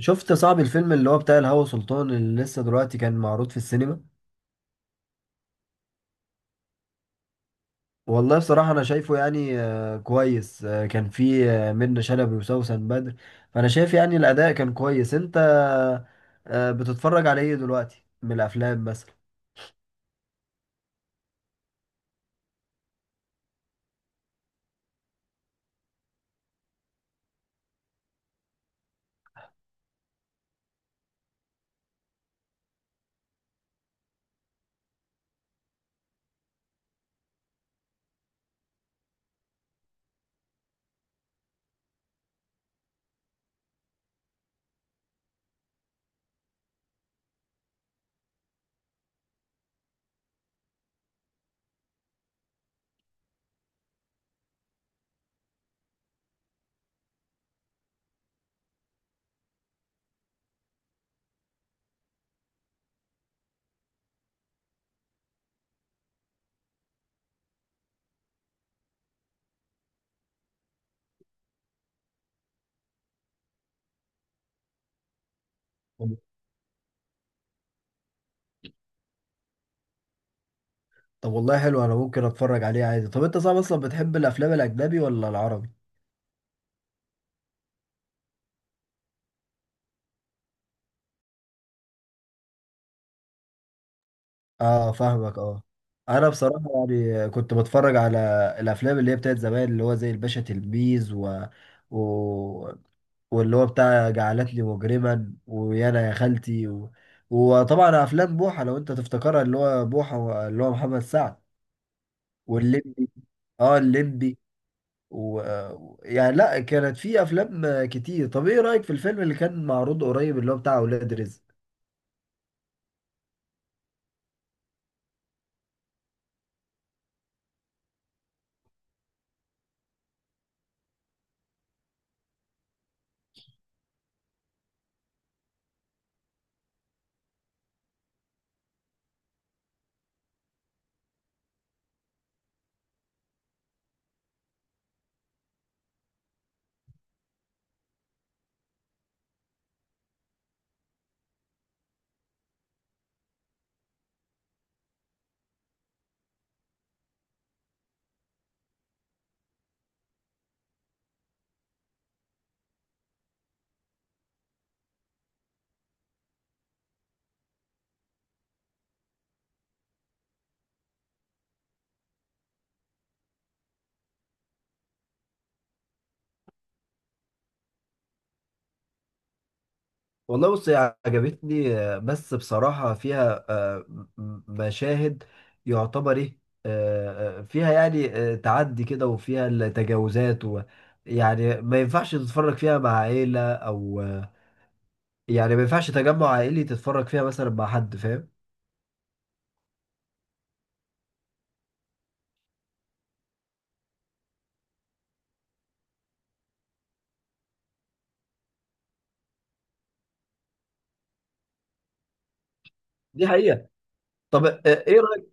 شفت صعب الفيلم اللي هو بتاع الهوى سلطان اللي لسه دلوقتي كان معروض في السينما. والله بصراحة أنا شايفه يعني كويس. كان فيه منة شلبي وسوسن بدر. فأنا شايف يعني الأداء كان كويس. أنت بتتفرج على إيه دلوقتي من الأفلام مثلا؟ طب طب والله حلو، أنا ممكن أتفرج عليه عادي. طب أنت صعب أصلا بتحب الأفلام الأجنبي ولا العربي؟ اه فاهمك اه. انا بصراحه يعني كنت بتفرج على الافلام اللي هي بتاعت زمان، اللي هو زي الباشا تلميذ و... واللي هو بتاع جعلتني مجرما، ويانا يا خالتي، وطبعا افلام بوحه، لو انت تفتكرها اللي هو بوحه اللي هو محمد سعد واللمبي. اه اللمبي و... يعني لا، كانت في افلام كتير. طب ايه رايك في الفيلم اللي كان معروض قريب اللي هو بتاع اولاد رزق؟ والله بص هي عجبتني، بس بصراحة فيها مشاهد يعتبر ايه، فيها يعني تعدي كده وفيها التجاوزات و يعني ما ينفعش تتفرج فيها مع عيلة أو يعني ما ينفعش تجمع عائلي تتفرج فيها مثلا مع حد، فاهم؟ دي حقيقة. طب ايه رأيك؟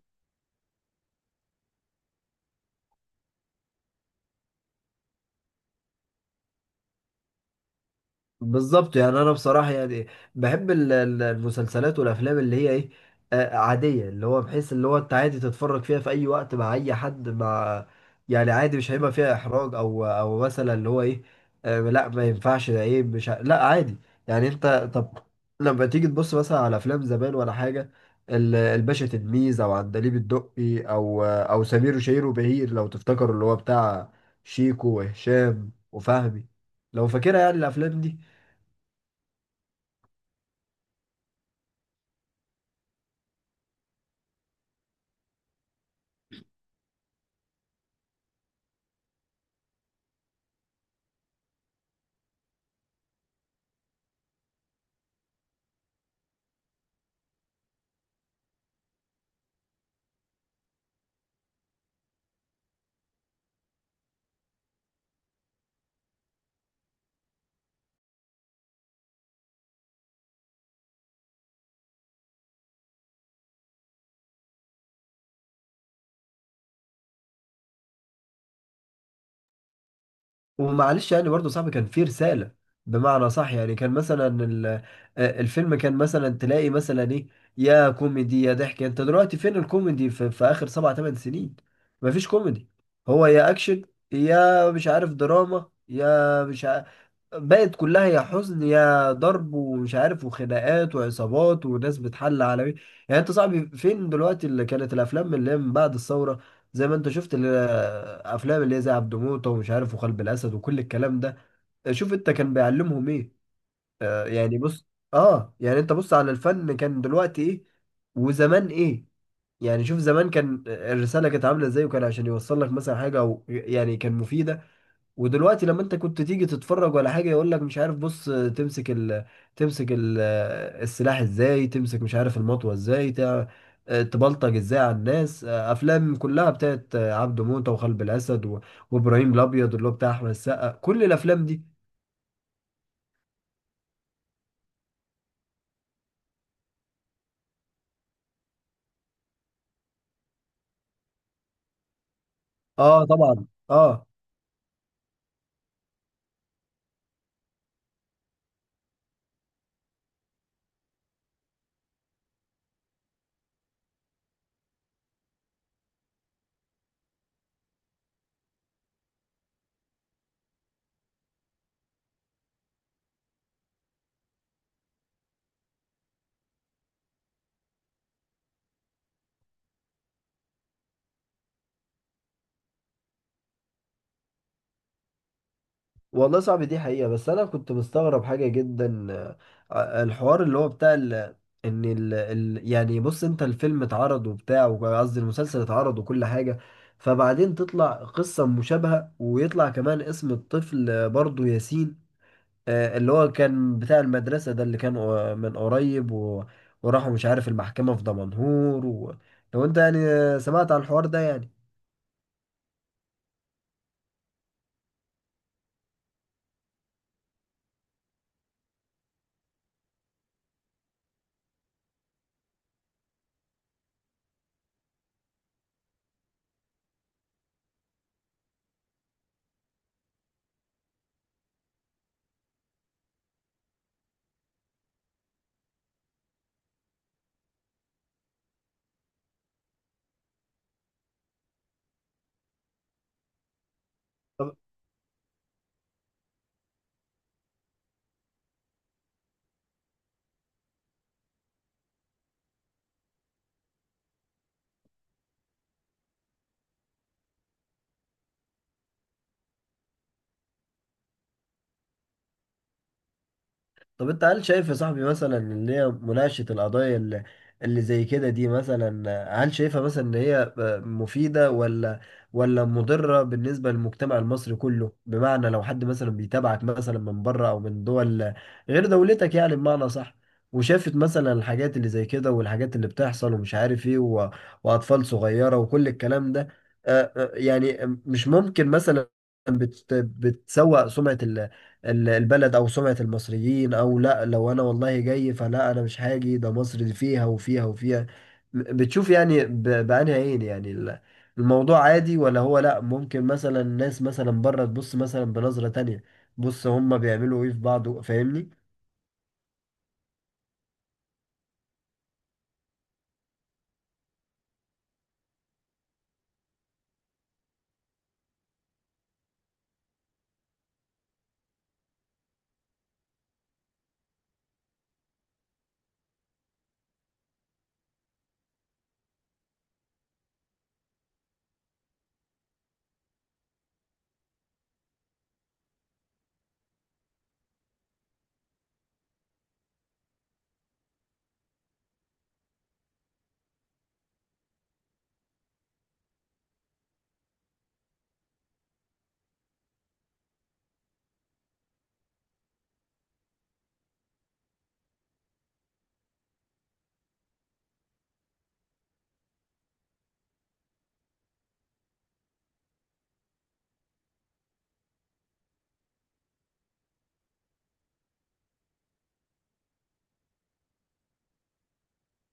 بالظبط يعني انا بصراحه يعني بحب المسلسلات والافلام اللي هي ايه، عاديه، اللي هو بحيث اللي هو انت عادي تتفرج فيها في اي وقت مع اي حد مع يعني عادي، مش هيبقى فيها احراج او او مثلا اللي هو ايه، لا ما ينفعش ده ايه مش لا عادي. يعني انت طب لما تيجي تبص مثلا على افلام زمان ولا حاجه، الباشا تلميذ او عندليب الدقي او او سمير وشهير وبهير، لو تفتكروا اللي هو بتاع شيكو وهشام وفهمي، لو فاكرها يعني الافلام دي. ومعلش يعني برضه صاحبي كان فيه رسالة، بمعنى صح. يعني كان مثلا الفيلم كان مثلا تلاقي مثلا ايه، يا كوميدي يا ضحك. انت دلوقتي فين الكوميدي في، في اخر سبع ثمان سنين؟ مفيش كوميدي. هو يا اكشن يا مش عارف دراما يا مش عارف، بقت كلها يا حزن يا ضرب ومش عارف وخناقات وعصابات وناس بتحل على مين. يعني انت صاحبي فين دلوقتي اللي كانت الافلام اللي هي من بعد الثوره؟ زي ما انت شفت الافلام اللي هي زي عبد موته ومش عارف وقلب الاسد وكل الكلام ده، شوف انت كان بيعلمهم ايه. آه يعني بص، اه يعني انت بص على الفن كان دلوقتي ايه وزمان ايه. يعني شوف زمان كان الرساله كانت عامله ازاي، وكان عشان يوصل لك مثلا حاجه او يعني كان مفيده. ودلوقتي لما انت كنت تيجي تتفرج ولا حاجه يقول لك مش عارف بص تمسك تمسك ال... السلاح ازاي تمسك، مش عارف المطوه ازاي تبلطج ازاي على الناس. افلام كلها بتاعت عبده موته وخلب الاسد وابراهيم الابيض اللي هو بتاع احمد السقا، كل الافلام دي. اه طبعا اه. والله صعب دي حقيقة. بس أنا كنت مستغرب حاجة جدا، الحوار اللي هو بتاع إن يعني بص أنت الفيلم اتعرض وبتاع، قصدي المسلسل اتعرض وكل حاجة، فبعدين تطلع قصة مشابهة ويطلع كمان اسم الطفل برضه ياسين، اللي هو كان بتاع المدرسة ده اللي كان من قريب وراحوا مش عارف المحكمة في دمنهور لو أنت يعني سمعت عن الحوار ده يعني. طب انت هل شايف يا صاحبي مثلا ان هي مناقشة القضايا اللي، اللي زي كده دي مثلا، هل شايفها مثلا ان هي مفيدة ولا ولا مضرة بالنسبة للمجتمع المصري كله؟ بمعنى لو حد مثلا بيتابعك مثلا من بره او من دول غير دولتك، يعني بمعنى صح، وشافت مثلا الحاجات اللي زي كده والحاجات اللي بتحصل ومش عارف ايه واطفال صغيرة وكل الكلام ده، اه، يعني مش ممكن مثلا بتسوء سمعة البلد او سمعة المصريين؟ او لا لو انا والله جاي فلا انا مش هاجي، ده مصر دي فيها وفيها وفيها. بتشوف يعني بأنهي عين يعني الموضوع عادي، ولا هو لا ممكن مثلا الناس مثلا بره تبص مثلا بنظرة تانية بص هما بيعملوا ايه في بعض، فاهمني؟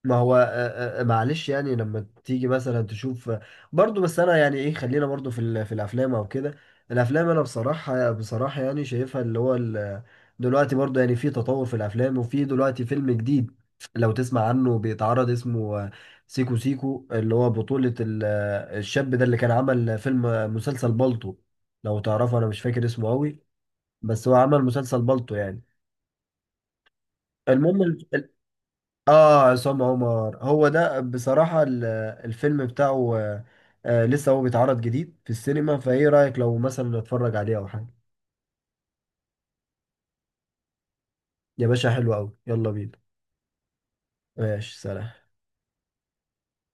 ما هو معلش يعني لما تيجي مثلا تشوف برضو، بس انا يعني ايه خلينا برضو في في الافلام او كده. الافلام انا بصراحة يعني شايفها اللي هو دلوقتي برضو يعني في تطور في الافلام، وفي دلوقتي فيلم جديد لو تسمع عنه بيتعرض اسمه سيكو سيكو، اللي هو بطولة الشاب ده اللي كان عمل فيلم مسلسل بالطو، لو تعرفه. انا مش فاكر اسمه قوي، بس هو عمل مسلسل بالطو يعني، المهم. اه عصام عمر، هو ده بصراحة الفيلم بتاعه، لسه هو بيتعرض جديد في السينما، فايه رأيك لو مثلا نتفرج عليه او حاجة؟ يا باشا حلو قوي، يلا بينا. ماشي سلام.